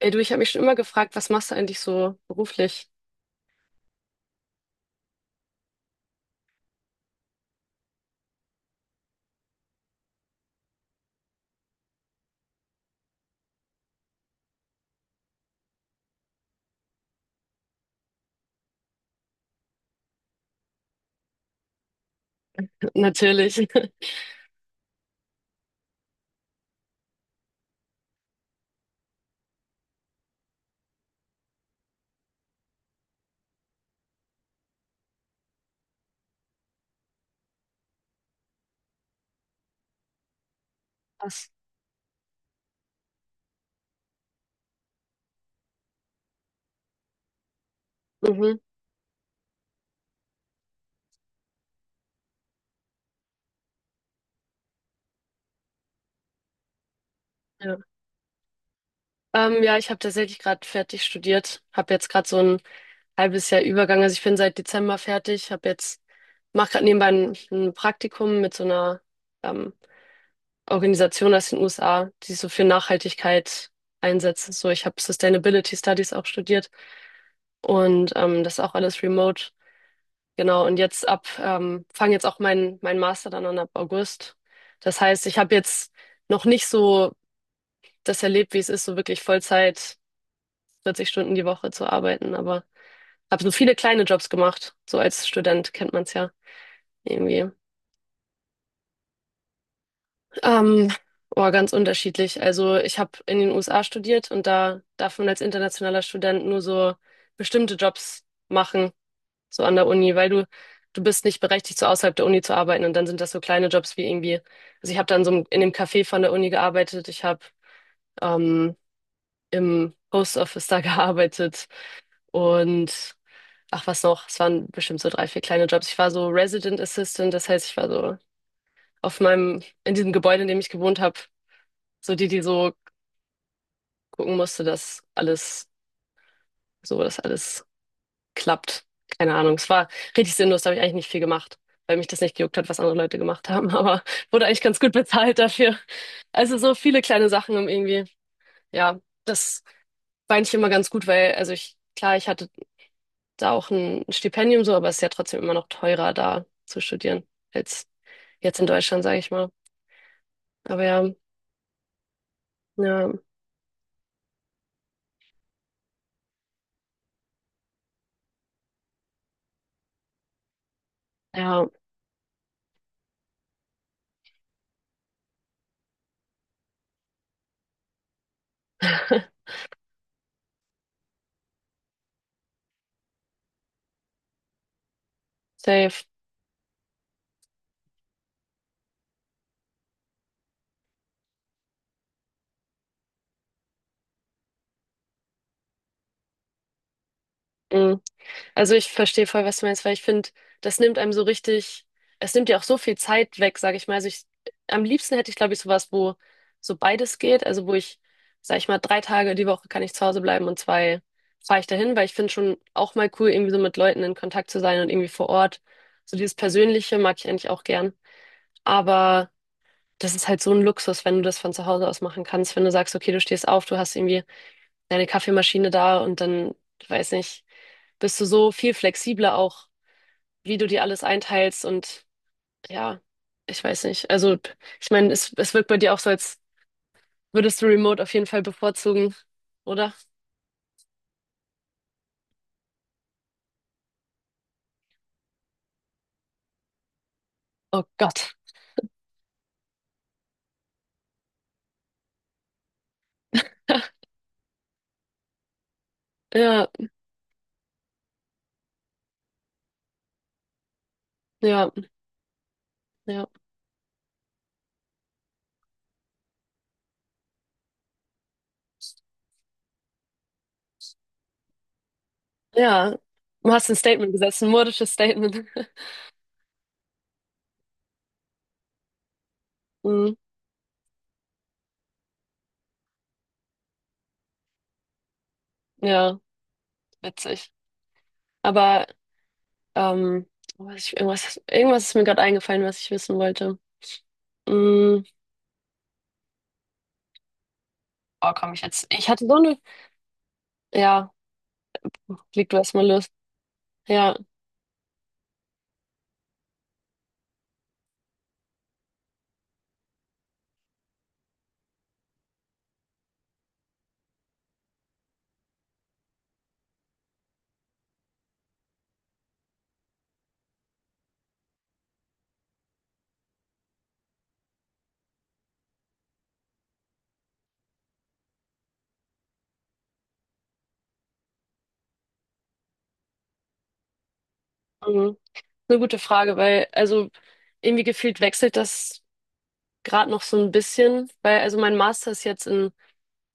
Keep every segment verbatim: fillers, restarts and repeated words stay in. Ey, du, ich habe mich schon immer gefragt, was machst du eigentlich so beruflich? Natürlich. Was? Mhm, ja. Ähm, ja, ich habe tatsächlich gerade fertig studiert, habe jetzt gerade so ein halbes Jahr Übergang. Also ich bin seit Dezember fertig, habe jetzt mache gerade nebenbei ein, ein Praktikum mit so einer ähm, Organisation aus den U S A, die so für Nachhaltigkeit einsetzt. So, ich habe Sustainability Studies auch studiert und ähm, das ist auch alles remote. Genau, und jetzt ab, ähm, fange jetzt auch mein, mein Master dann an ab August. Das heißt, ich habe jetzt noch nicht so das erlebt, wie es ist, so wirklich Vollzeit vierzig Stunden die Woche zu arbeiten, aber habe so viele kleine Jobs gemacht. So als Student kennt man es ja irgendwie. Ähm, oh, ganz unterschiedlich. Also ich habe in den U S A studiert und da darf man als internationaler Student nur so bestimmte Jobs machen. So an der Uni, weil du, du bist nicht berechtigt, so außerhalb der Uni zu arbeiten. Und dann sind das so kleine Jobs wie irgendwie, also ich habe dann so einem- in dem Café von der Uni gearbeitet, ich habe ähm, im Post Office da gearbeitet und ach was noch, es waren bestimmt so drei, vier kleine Jobs. Ich war so Resident Assistant, das heißt, ich war so auf meinem, in diesem Gebäude, in dem ich gewohnt habe, so die, die so gucken musste, dass alles, so, dass alles klappt. Keine Ahnung. Es war richtig sinnlos, da habe ich eigentlich nicht viel gemacht, weil mich das nicht gejuckt hat, was andere Leute gemacht haben. Aber wurde eigentlich ganz gut bezahlt dafür. Also so viele kleine Sachen um irgendwie, ja, das war eigentlich immer ganz gut, weil, also ich, klar, ich hatte da auch ein Stipendium so, aber es ist ja trotzdem immer noch teurer, da zu studieren, als jetzt in Deutschland, sage ich mal. Aber ja, ja, ja, safe. Mm. Also ich verstehe voll, was du meinst, weil ich finde, das nimmt einem so richtig, es nimmt dir auch so viel Zeit weg, sage ich mal. Also ich, am liebsten hätte ich, glaube ich, sowas, wo so beides geht. Also wo ich, sage ich mal, drei Tage die Woche kann ich zu Hause bleiben und zwei fahre ich dahin, weil ich finde schon auch mal cool, irgendwie so mit Leuten in Kontakt zu sein und irgendwie vor Ort. So dieses Persönliche mag ich eigentlich auch gern. Aber das ist halt so ein Luxus, wenn du das von zu Hause aus machen kannst, wenn du sagst, okay, du stehst auf, du hast irgendwie deine Kaffeemaschine da und dann, weiß nicht, bist du so viel flexibler auch wie du dir alles einteilst und ja, ich weiß nicht. Also, ich meine, es, es wirkt bei dir auch so, als würdest du Remote auf jeden Fall bevorzugen, oder? Oh Gott. Ja, ja, ja. Ja, du hast ein Statement gesetzt, ein modisches Statement. Hm, ja, witzig. Aber ähm, was ich, irgendwas, irgendwas ist mir gerade eingefallen, was ich wissen wollte. Hm, oh, komm ich jetzt. Ich hatte so eine. Ja, leg du erst mal los. Ja. Mhm. Eine gute Frage, weil also irgendwie gefühlt wechselt das gerade noch so ein bisschen, weil also mein Master ist jetzt in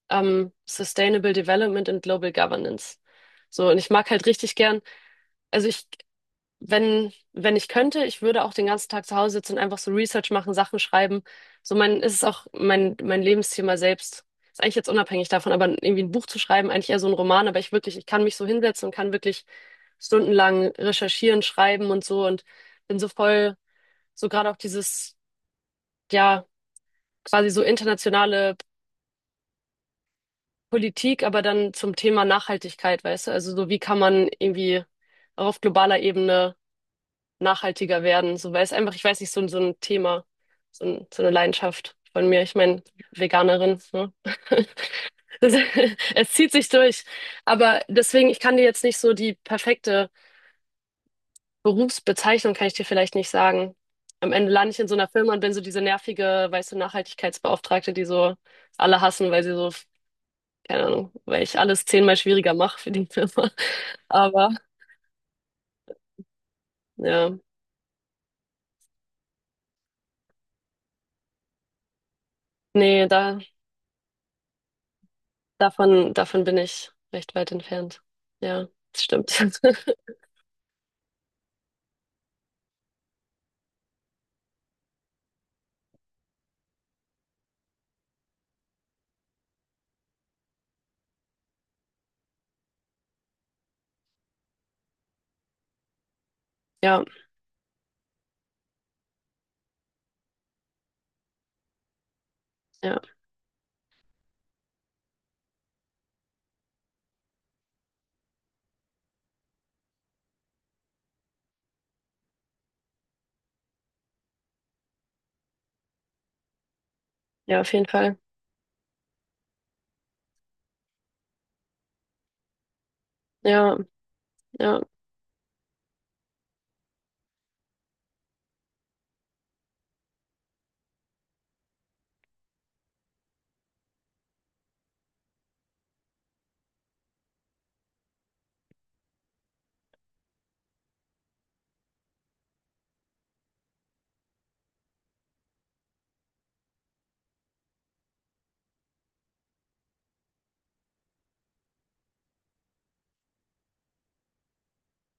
ähm, Sustainable Development and Global Governance. So, und ich mag halt richtig gern, also ich, wenn, wenn ich könnte, ich würde auch den ganzen Tag zu Hause sitzen und einfach so Research machen, Sachen schreiben. So mein, ist es auch mein, mein Lebensthema selbst. Ist eigentlich jetzt unabhängig davon, aber irgendwie ein Buch zu schreiben, eigentlich eher so ein Roman, aber ich wirklich, ich kann mich so hinsetzen und kann wirklich stundenlang recherchieren, schreiben und so und bin so voll so gerade auch dieses, ja, quasi so internationale Politik, aber dann zum Thema Nachhaltigkeit, weißt du? Also so, wie kann man irgendwie auch auf globaler Ebene nachhaltiger werden? So, weil es einfach, ich weiß nicht, so, ein so ein Thema, so, ein, so eine Leidenschaft von mir. Ich meine, Veganerin, ne? Das, es zieht sich durch. Aber deswegen, ich kann dir jetzt nicht so die perfekte Berufsbezeichnung kann ich dir vielleicht nicht sagen. Am Ende lande ich in so einer Firma und bin so diese nervige, weißt du, Nachhaltigkeitsbeauftragte, die so alle hassen, weil sie so, keine Ahnung, weil ich alles zehnmal schwieriger mache für die Firma. Aber ja, nee, da, davon, davon bin ich recht weit entfernt. Ja, das stimmt. Ja, ja, ja, auf jeden Fall. Ja, ja.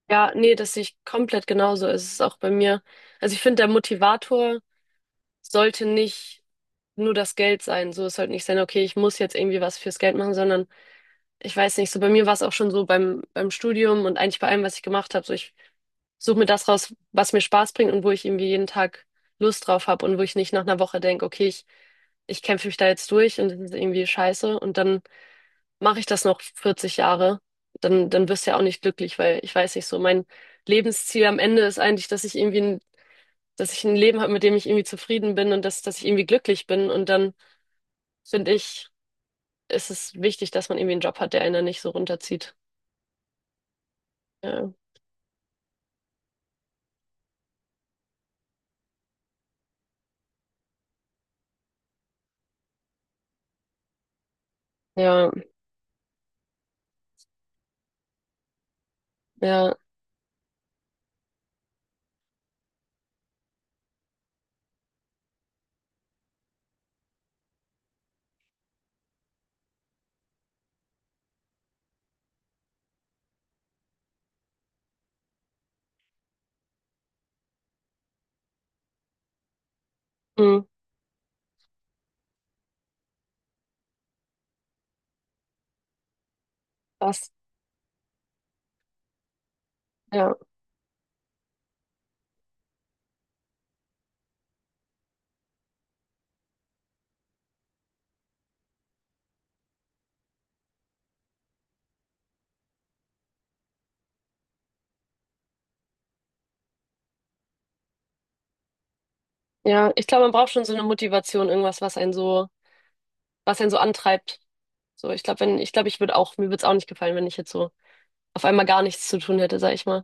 Ja, nee, das sehe ich komplett genauso. Es ist auch bei mir. Also ich finde, der Motivator sollte nicht nur das Geld sein. So, es sollte nicht sein, okay, ich muss jetzt irgendwie was fürs Geld machen, sondern ich weiß nicht, so bei mir war es auch schon so beim, beim Studium und eigentlich bei allem, was ich gemacht habe. So, ich suche mir das raus, was mir Spaß bringt und wo ich irgendwie jeden Tag Lust drauf habe und wo ich nicht nach einer Woche denke, okay, ich, ich kämpfe mich da jetzt durch und das ist irgendwie scheiße und dann mache ich das noch vierzig Jahre. Dann, dann wirst du ja auch nicht glücklich, weil ich weiß nicht so, mein Lebensziel am Ende ist eigentlich, dass ich irgendwie ein dass ich ein Leben habe, mit dem ich irgendwie zufrieden bin und dass, dass ich irgendwie glücklich bin. Und dann finde ich, ist es wichtig, dass man irgendwie einen Job hat, der einen nicht so runterzieht. Ja, ja, ja, hm, was, ja, ja. Ich glaube, man braucht schon so eine Motivation, irgendwas, was einen so, was einen so antreibt. So, ich glaube, wenn, ich glaube, ich würde auch, mir würde es auch nicht gefallen, wenn ich jetzt so auf einmal gar nichts zu tun hätte, sag ich mal.